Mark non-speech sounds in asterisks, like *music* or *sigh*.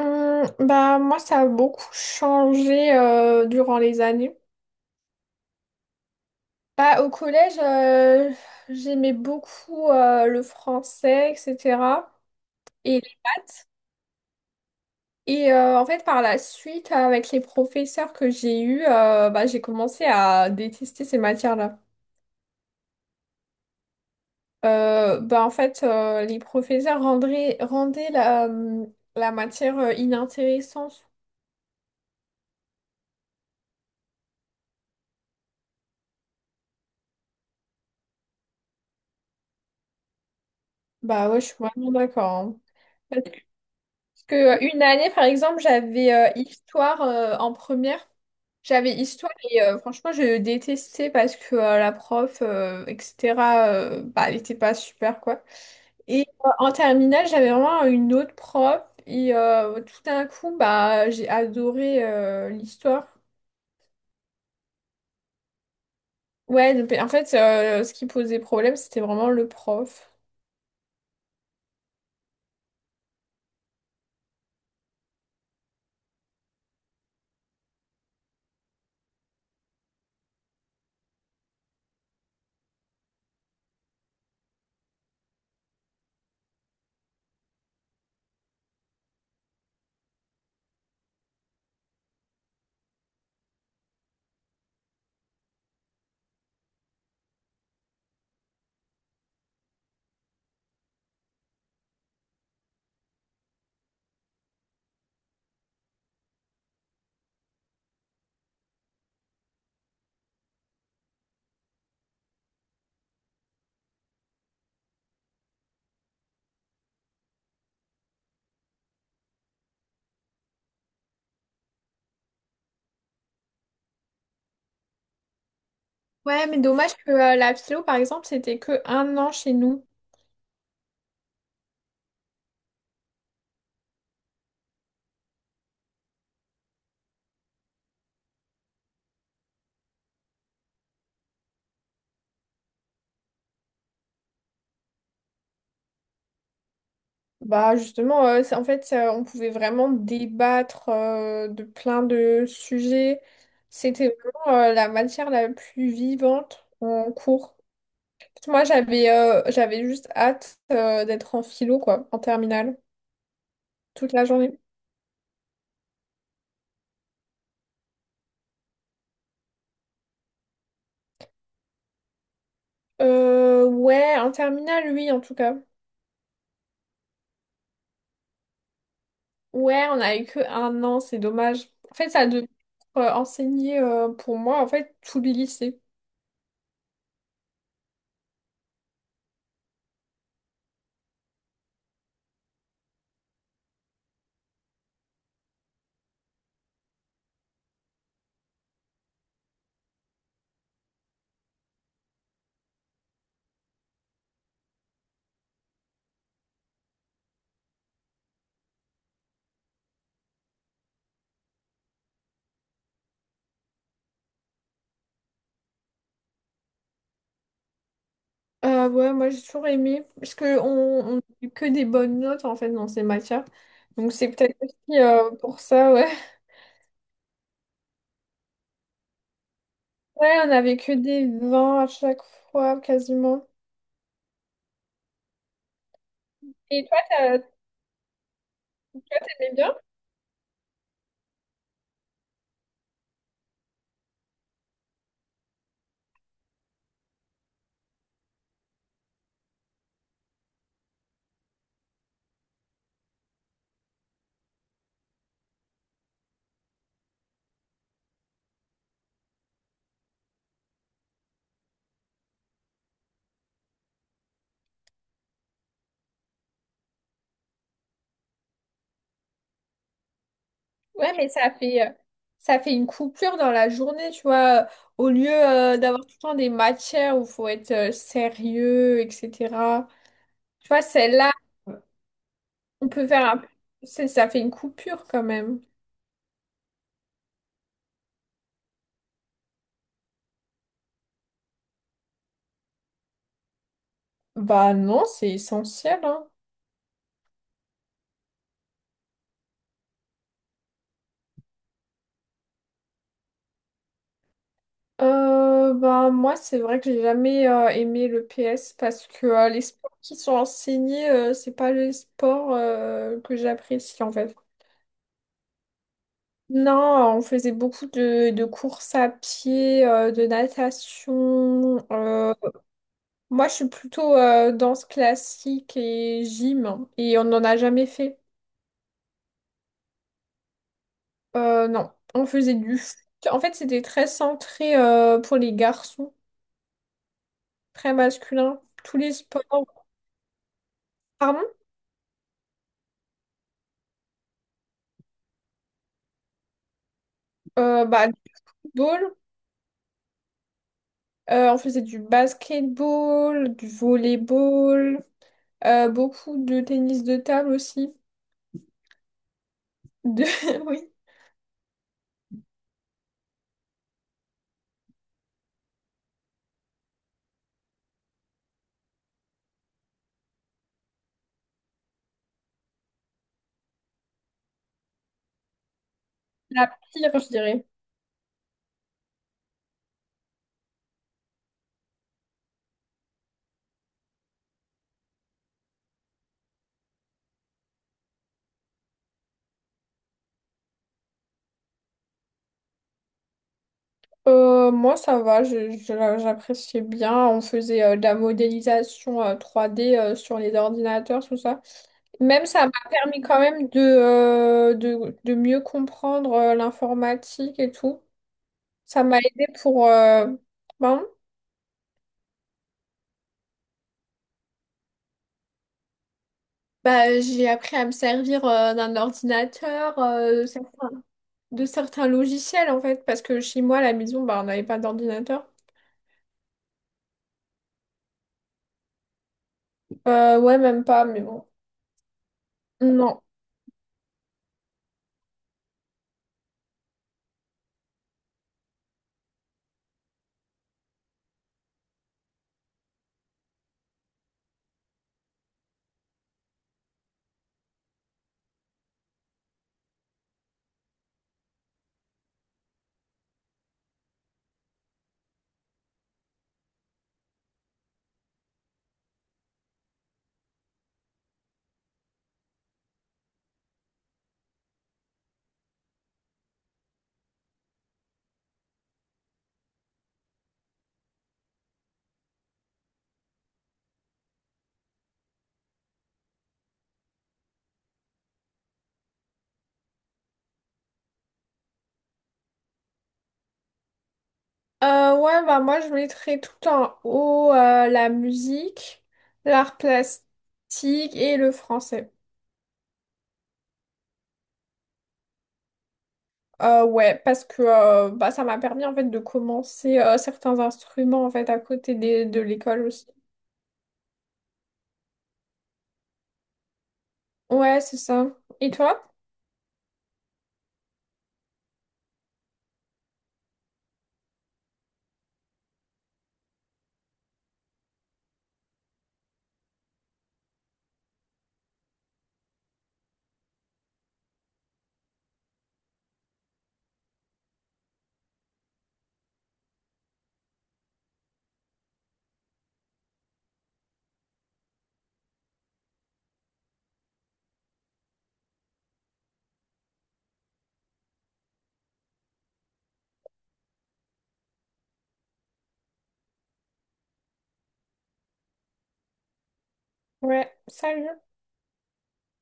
Bah, moi, ça a beaucoup changé durant les années. Bah, au collège, j'aimais beaucoup le français, etc. Et, en fait, par la suite, avec les professeurs que j'ai eus, bah, j'ai commencé à détester ces matières-là. Bah, en fait, les professeurs rendaient la matière inintéressante. Bah ouais, je suis vraiment d'accord, hein. Parce que une année, par exemple, j'avais histoire en première. J'avais histoire et franchement, je détestais parce que la prof, etc., bah, elle était pas super, quoi. Et en terminale, j'avais vraiment une autre prof et tout d'un coup, bah, j'ai adoré l'histoire. Ouais, donc, en fait, ce qui posait problème, c'était vraiment le prof. Ouais, mais dommage que la philo, par exemple, c'était que un an chez nous. Bah justement, en fait, on pouvait vraiment débattre de plein de sujets. C'était vraiment la matière la plus vivante en cours. Moi, j'avais juste hâte d'être en philo, quoi, en terminale, toute la journée. Ouais, en terminale, oui, en tout cas. Ouais, on a eu que un an, c'est dommage. En fait, ça devait être enseigné pour moi, en fait, tout le lycée. Ouais, moi j'ai toujours aimé, parce que on n'a que des bonnes notes en fait dans ces matières. Donc c'est peut-être aussi pour ça, ouais. *laughs* Ouais, on avait que des 20 à chaque fois, quasiment. Et toi, t'aimais bien? Ouais, mais ça fait une coupure dans la journée, tu vois. Au lieu d'avoir tout le temps des matières où il faut être sérieux, etc. Tu vois, celle-là, on peut faire un... c'est- ça fait une coupure quand même. Bah non, c'est essentiel, hein. Ben, moi, c'est vrai que j'ai jamais aimé le PS parce que les sports qui sont enseignés, c'est pas les sports que j'apprécie en fait. Non, on faisait beaucoup de courses à pied, de natation. Moi, je suis plutôt danse classique et gym et on n'en a jamais fait. Non, on faisait du foot. En fait, c'était très centré pour les garçons, très masculin. Tous les sports. Pardon? Bah, du football. On faisait du basketball, du volleyball, beaucoup de tennis de table aussi. De... *laughs* Oui, la pire, je dirais. Moi, ça va, j'appréciais bien. On faisait de la modélisation 3D sur les ordinateurs, tout ça. Même ça m'a permis quand même de mieux comprendre l'informatique et tout. Ça m'a aidé, ben, bah, j'ai appris à me servir d'un ordinateur, certains de certains logiciels en fait, parce que chez moi à la maison, bah, on n'avait pas d'ordinateur. Ouais, même pas, mais bon. Non. Ouais, bah moi je mettrais tout en haut la musique, l'art plastique et le français. Ouais, parce que bah, ça m'a permis en fait de commencer certains instruments en fait à côté de l'école aussi. Ouais, c'est ça. Et toi? Ouais, salut.